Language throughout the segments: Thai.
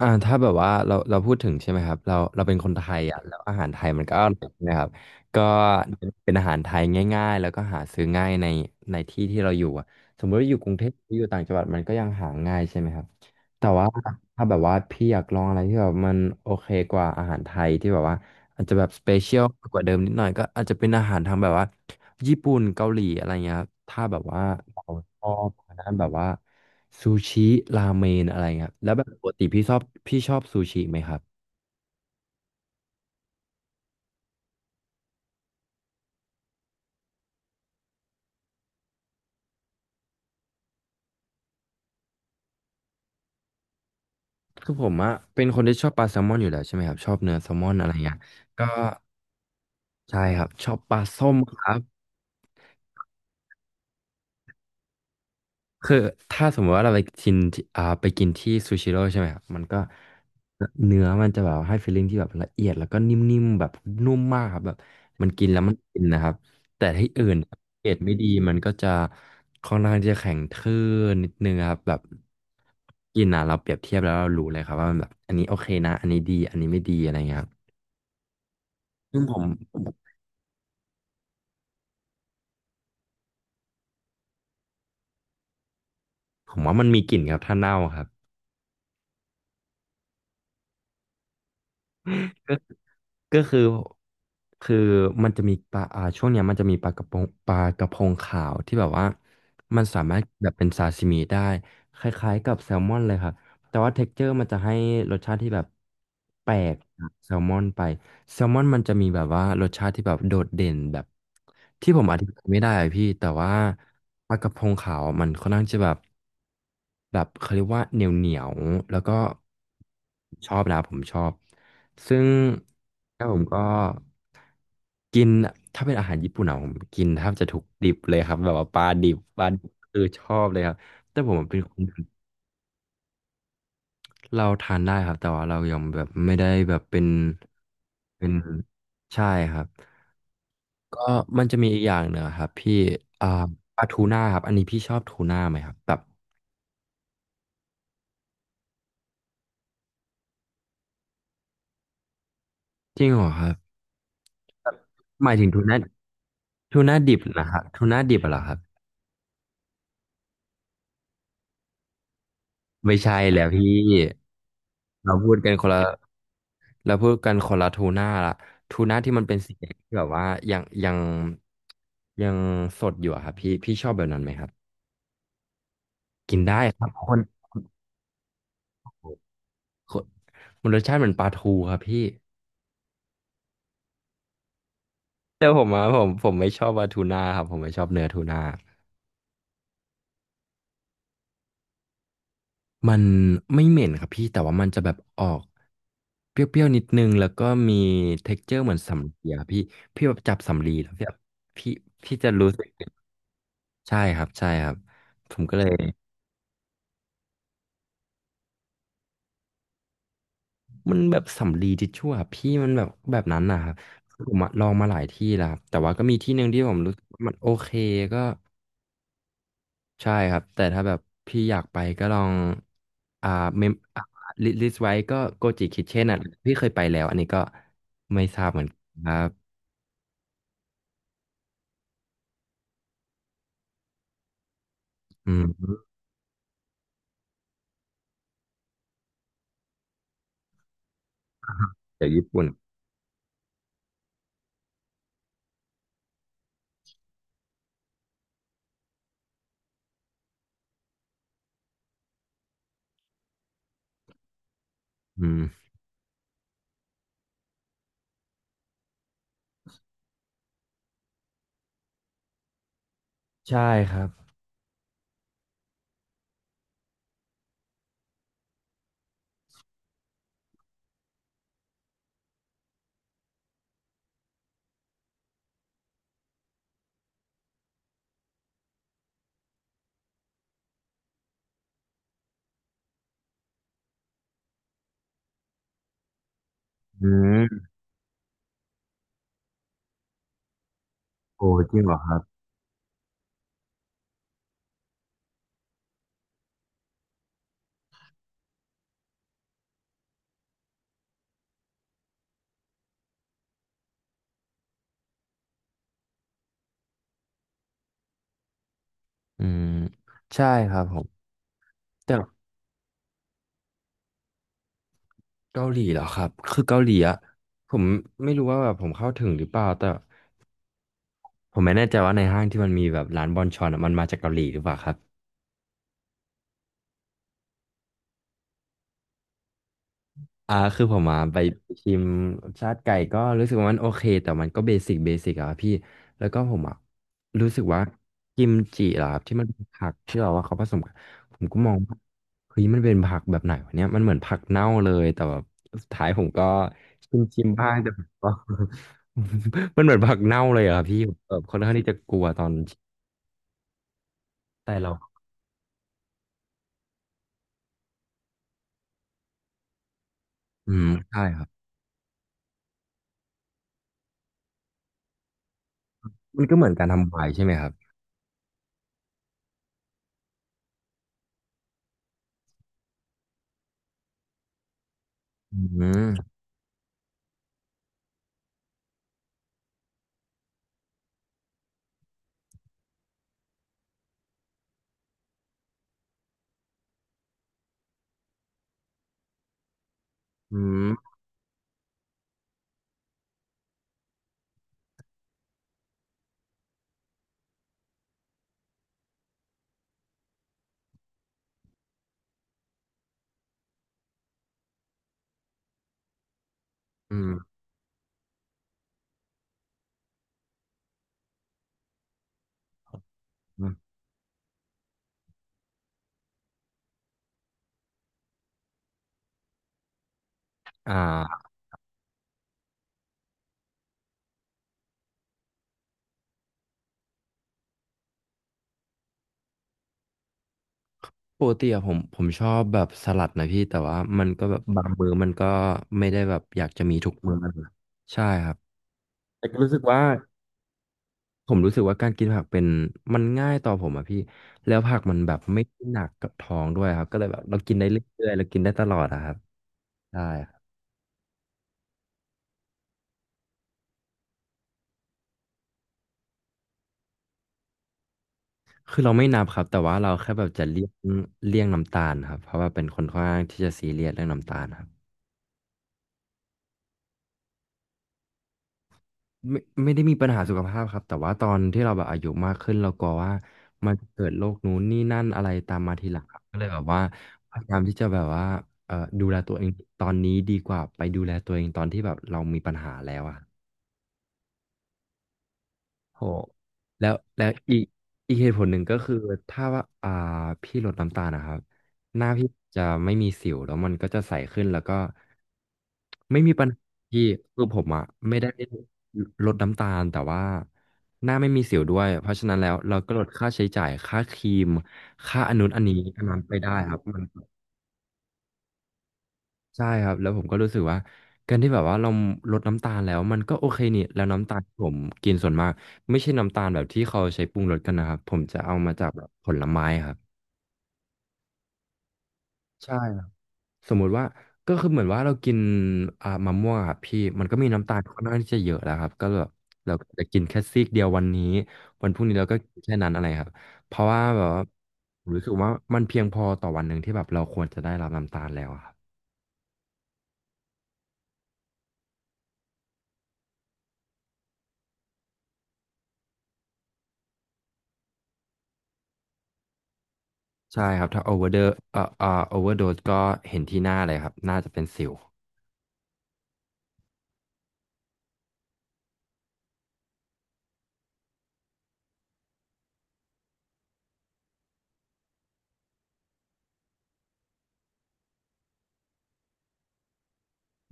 อ่าถ้าแบบว่าเราพูดถึงใช่ไหมครับเราเป็นคนไทยอ่ะแล้วอาหารไทยมันก็อร่อยใครับก็เป็นอาหารไทยง่ายๆแล้วก็หาซื้อง่ายในที่ที่เราอยู่อ่ะสมมติว่าอยู่กรุงเทพหรืออยู่ต่างจังหวัดมันก็ยังหาง่ายใช่ไหมครับแต่ว่าถ้าแบบว่าพี่อยากลองอะไรที่แบบมันโอเคกว่าอาหารไทยที่แบบว่าอาจจะแบบสเปเชียลกว่าเดิมนิดหน่อยก็อาจจะเป็นอาหารทางแบบว่าญี่ปุ่นเกาหลีอะไรเงี้ยครับถ้าแบบว่าเราชอบทางด้านแบบว่า ซูชิราเมนอะไรเงี้ยแล้วแบบปกติพี่ชอบพี่ชอบซูชิไหมครับคือผมอะเป็นคนที่ชอบปลาแซลมอนอยู่แล้วใช่ไหมครับชอบเนื้อแซลมอนอะไรเงี้ยก็ใช่ครับชอบปลาส้มครับ คือถ้าสมมติว่าเราไปกินที่ไปกินที่ซูชิโร่ใช่ไหมครับมันก็เนื้อมันจะแบบให้ฟีลลิ่งที่แบบละเอียดแล้วก็นิ่มๆแบบนุ่มมากครับแบบมันกินแล้วมันกินนะครับแต่ที่อื่นเกรดไม่ดีมันก็จะค่อนข้างที่จะแข็งทื่อนิดนึงครับแบบกินอ่ะเราเปรียบเทียบแล้วเรารู้เลยครับว่ามันแบบอันนี้โอเคนะอันนี้ดีอันนี้ไม่ดีอะไรเงี้ยครับซึ่งผมผมว่ามันมีกลิ่นครับถ้าเน่าครับ ก็คือคือมันจะมีปลาช่วงเนี้ยมันจะมีปลากระพงขาวที่แบบว่ามันสามารถแบบเป็นซาซิมิได้คล้ายๆกับแซลมอนเลยครับแต่ว่าเท็กเจอร์มันจะให้รสชาติที่แบบแปลกจากแซลมอนไปแซลมอนมันจะมีแบบว่ารสชาติที่แบบโดดเด่นแบบที่ผมอธิบายไม่ได้อะพี่แต่ว่าปลากระพงขาวอะมันค่อนข้างจะแบบเขาเรียกว่าเหนียวเหนียวแล้วก็ชอบนะผมชอบ ซึ่งแล้วผมก็กินถ้าเป็นอาหารญี่ปุ่นอะผมกินแทบจะทุกดิบเลยครับแบบว่าปลาดิบคือชอบเลยครับแต่ผมเป็นคนเราทานได้ครับแต่ว่าเรายังแบบไม่ได้แบบเป็นเป็นใช่ครับก็มันจะมีอีกอย่างหนึ่งอะครับพี่อ่าปลาทูน่าครับอันนี้พี่ชอบทูน่าไหมครับแบบจริงเหรอครับแบบหมายถึงทูน่าดิบนะครับทูน่าดิบเหรอครับไม่ใช่แล้วพี่เราพูดกันคนละ แล้วพูดกันคนละทูน่าละทูน่าที่มันเป็นสีแดงที่แบบว่ายังยังยังสดอยู่อะครับพี่พี่ชอบแบบนั้นไหมครับกินได้ครับคนคนมันรสชาติเหมือนปลาทูครับพี่แต่ผมอะผมไม่ชอบปลาทูน่าครับผมไม่ชอบเนื้อทูน่ามันไม่เหม็นครับพี่แต่ว่ามันจะแบบออกเปรี้ยวๆนิดนึงแล้วก็มี texture เหมือนสำลีอะพี่พี่แบบจับสำลีแล้วพี่แบบพี่จะรู้สึกใช่ครับใช่ครับผมก็เลย มันแบบสำลีทิชชู่อะพี่มันแบบนั้นนะครับผมอะลองมาหลายที่แล้วครับแต่ว่าก็มีที่หนึ่งที่ผมรู้สึกว่ามันโอเคก็ใช่ครับแต่ถ้าแบบพี่อยากไปก็ลองอ่าเมมลิสต์ไว้ก็โกจิคิเช่นอ่ะพี่เคยไปแล้วอันนี้ก็ไม่ทราบเหมือนกันครับอืมจากญี่ปุ่นอืมใช่ครับอืมโอ้จริงเหรอครับอืมใช่ครับผมแต่เกาหลีเหรอครับคือเกาหลีอะผมไม่รู้ว่าแบบผมเข้าถึงหรือเปล่าแต่ ผมไม่แน่ใจว่าในห้างที่มันมีแบบร้านบอนชอนอะมันมาจากเกาหลีหรือเปล่าครับ อ่าคือผมมาไปชิมชาติไก่ก็รู้สึกว่ามันโอเคแต่มันก็เบสิกอะครับพี่แล้วก็ผมอะรู้สึกว่ากิมจิเหรอครับที่มันเป็นผักที่แบบว่าเขาผสมกันผมก็มองว่าเฮ้ยมันเป็นผักแบบไหนวะเนี่ยมันเหมือนผักเน่าเลยแต่แบบสุดท้ายผมก็ชิมบ้างแต่ผมก็ มันเหมือนผักเน่าเลยอะครับพี่ผมแบบค่อนข้างที่จะกลัวตอนชิมแต่เราอืมใช่ครับมันก็เหมือนการทำวายใช่ไหมครับ อืมอืมอืมอืมอ่าปกติอะผมชอบแบบสลัดนะพี่แต่ว่ามันก็แบบบางมื้อมันก็ไม่ได้แบบอยากจะมีทุกมื้อนะใช่ครับแต่ก็รู้สึกว่าผมรู้สึกว่าการกินผักเป็นมันง่ายต่อผมอะพี่แล้วผักมันแบบไม่หนักกับท้องด้วยครับก็เลยแบบเรากินได้เรื่อยๆเรากินได้ตลอดอะครับใช่ครับคือเราไม่นับครับแต่ว่าเราแค่แบบจะเลี่ยงน้ำตาลครับเพราะว่าเป็นคนค่อนข้างที่จะซีเรียสเรื่องน้ำตาลครับ ไม่ได้มีปัญหาสุขภาพครับแต่ว่าตอนที่เราแบบอายุมากขึ้นเรากลัวว่ามันจะเกิดโรคนู้นนี่นั่นอะไรตามมาทีหลังครับก็เลยแบบว่าพยายามที่จะแบบว่าดูแลตัวเองตอนนี้ดีกว่าไปดูแลตัวเองตอนที่แบบเรามีปัญหาแล้วอะ โหแล้วแล้วอีกเหตุผลหนึ่งก็คือถ้าว่าพี่ลดน้ำตาลนะครับหน้าพี่จะไม่มีสิวแล้วมันก็จะใสขึ้นแล้วก็ไม่มีปัญหาที่คือผมอะไม่ได้ลดน้ำตาลแต่ว่าหน้าไม่มีสิวด้วยเพราะฉะนั้นแล้วเราก็ลดค่าใช้จ่ายค่าครีมค่าอันนู้นอันนี้อันนั้นไปได้ครับมัน ใช่ครับแล้วผมก็รู้สึกว่าการที่แบบว่าเราลดน้ำตาลแล้วมันก็โอเคนี่แล้วน้ำตาลที่ผมกินส่วนมากไม่ใช่น้ำตาลแบบที่เขาใช้ปรุงรสกันนะครับผมจะเอามาจากแบบผลไม้ครับใช่ครับสมมุติว่าก็คือเหมือนว่าเรากินมะม่วงอะครับพี่มันก็มีน้ำตาลค่อนข้างที่จะเยอะแล้วครับก็แบบเราก็จะกินแค่ซีกเดียววันนี้วันพรุ่งนี้เราก็กินแค่นั้นอะไรครับเพราะว่าแบบว่าผมรู้สึกว่ามันเพียงพอต่อวันหนึ่งที่แบบเราควรจะได้รับน้ำตาลแล้วอะครับ ใช่ครับถ้าโอเวอร์เดอเอ่อเอ่อโอเวอร์โดสก็เห็นที่หน้าเลยครับน่าจะเป็นสิว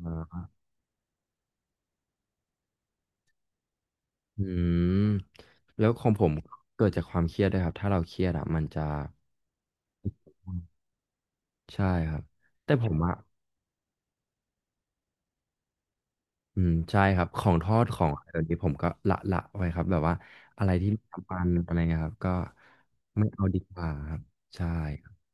อ่าอืมแล้วของผมเกิดจากความเครียดด้วยครับถ้าเราเครียดอ่ะมันจะใช่ครับแต่ผมอ่ะอืมใช่ครับของทอดของอะไรแบบนี้ผมก็ละไว้ครับแบบว่าอะไรที่ทำมันอะไรเงี้ยครับก็ไม่เอาดีกว่าครับใช่ครับ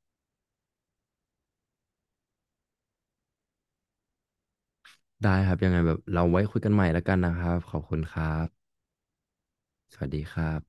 ได้ครับยังไงแบบเราไว้คุยกันใหม่แล้วกันนะครับขอบคุณครับสวัสดีครับ